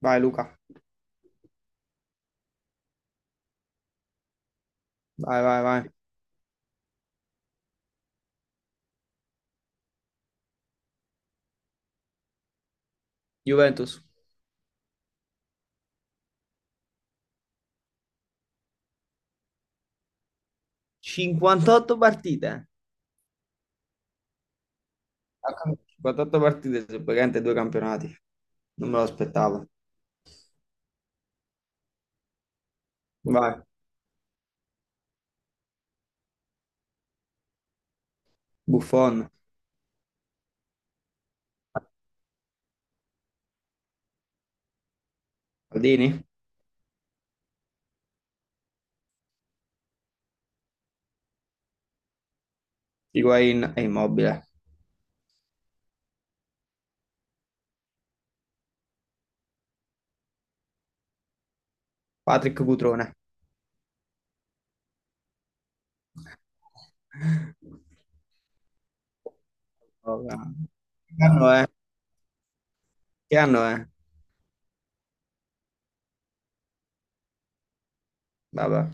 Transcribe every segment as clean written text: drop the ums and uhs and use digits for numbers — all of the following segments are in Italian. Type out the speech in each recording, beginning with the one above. Vai Luca, vai, vai, vai. Juventus, 58 partite. 58 partite su praticamente due campionati, non me lo aspettavo. Vai, Buffon, Maldini, Higuain e Immobile. Patrick Cutrone. Vabbè. Che anno è? Che anno è? Vabbè,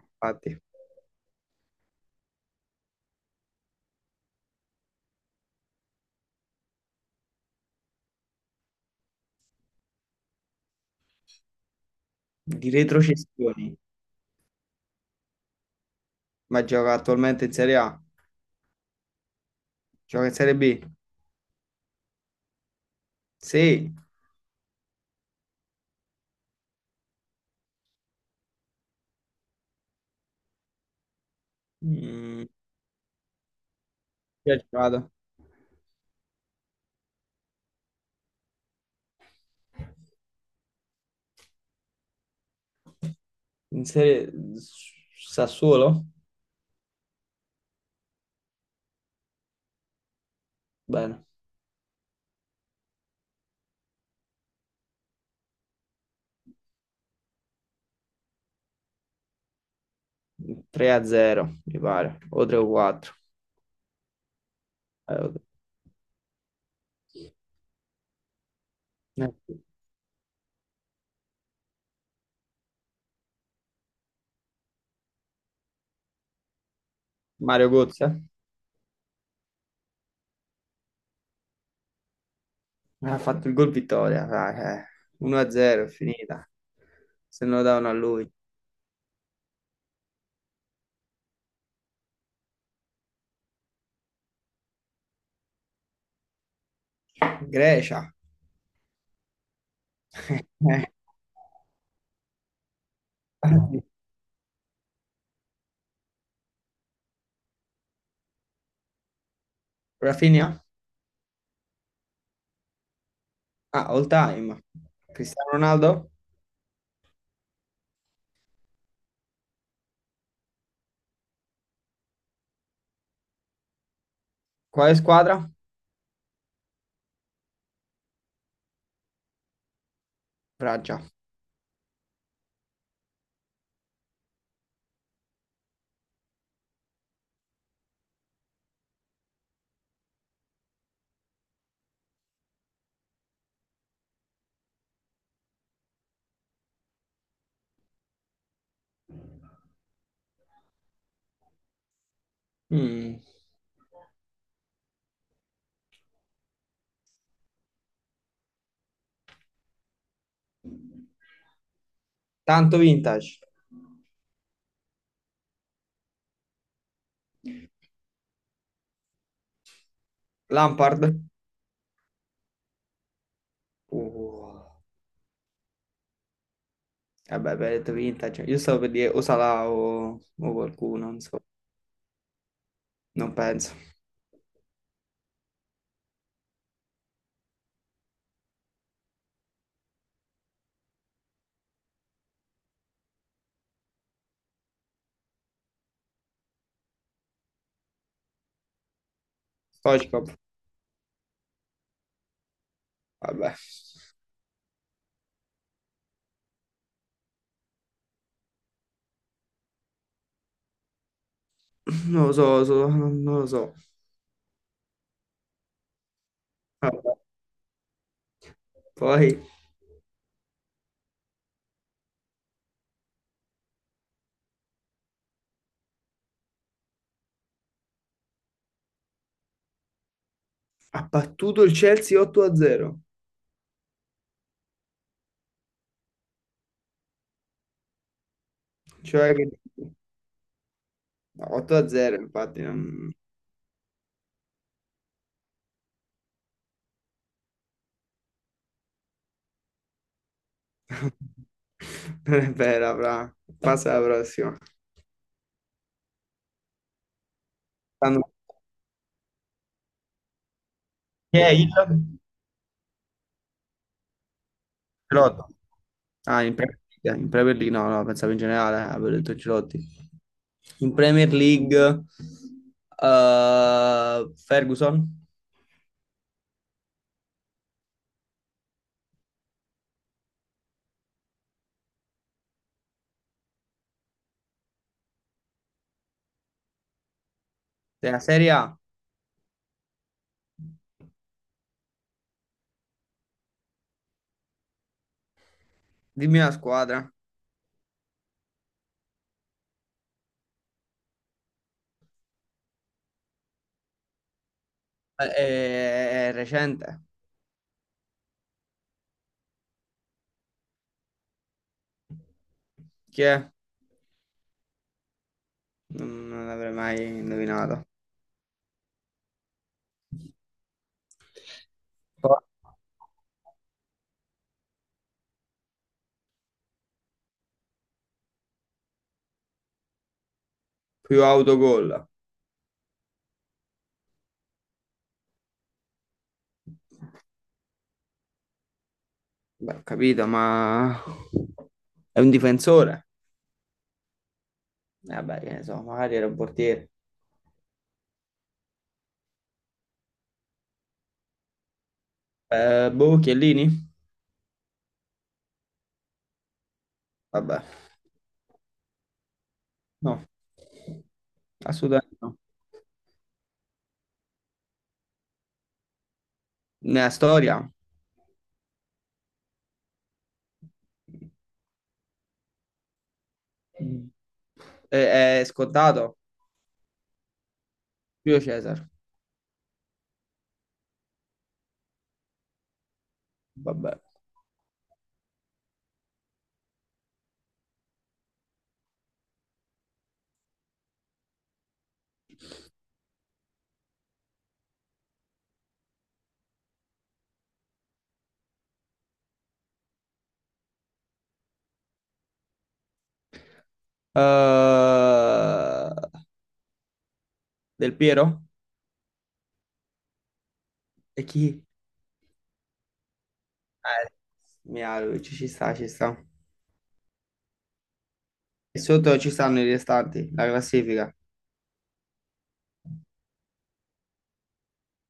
infatti. Di retrocessioni, ma gioca attualmente in Serie A? Gioca in Serie B? Sì. Mm, Chi ha giocato? In Serie Sassuolo? Bene. 3-0, mi pare, o 3 o 4. Eh, Mario Gozza ha fatto il gol vittoria, dai, eh. 1-0, è finita. Se non lo davano a lui. Grecia. Eh. Rafinha? Ah, all time. Cristiano Ronaldo? Quale squadra? Francia. Mm, Tanto vintage. Lampard? Uh, vabbè, abbiamo detto vintage. Io stavo per dire o Salah o qualcuno, non so. Non penso. Stoichkov? Vabbè. Non lo so, non lo so. Vabbè. Poi ha battuto il Chelsea 8-0, cioè che. No, 8-0 infatti non. Non è vera, fra. Passa alla prossima. Stanno- Chi è il Girotta? Ah, in Premier League no, no, pensavo in generale, avevo detto Girotti. In Premier League Ferguson della Serie A, dimmi la squadra. È recente. Chi è? Non l'avrei mai indovinato. Poi- Più autogol. Beh, ho capito, ma è un difensore. Vabbè, che ne so, magari era un portiere. Boh, Chiellini? Vabbè, no, assolutamente no. Nella storia. Mm. È scontato. Più Cesar. Vabbè. Eh, Del Piero? E chi? Eh, Mihailovic, ci sta, ci sta. E sotto ci stanno i restanti, la classifica.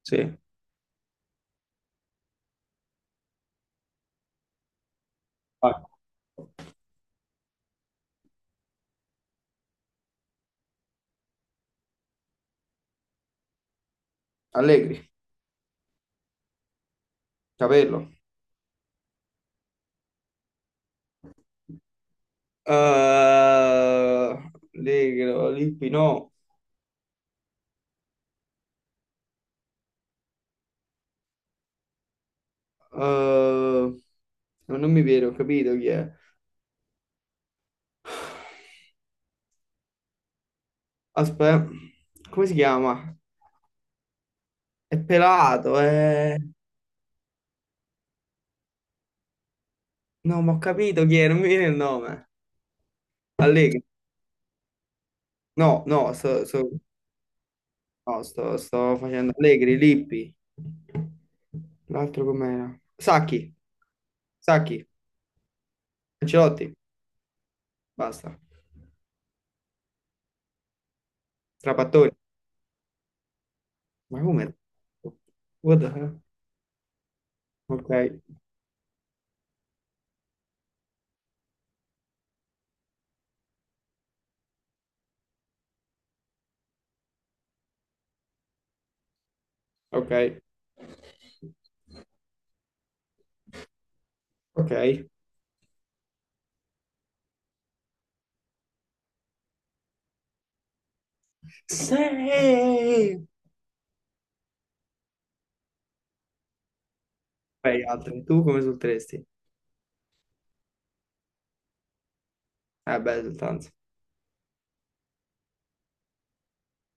Sì. Vai. Allegri, Capello. Allegro, Lippi, no. Eh, non mi viene, ho capito chi è. Aspetta, come si chiama? È pelato, è. No, ma ho capito chi è, non mi viene il nome. Allegri. No, no, no, sto facendo Allegri, Lippi. L'altro com'era? Sacchi, Ancelotti, basta. Trapattoni. Ma come? What the hell? Ok, ok, ok. Sì! Vai, altri. Tu come solteresti? Beh, esultanza.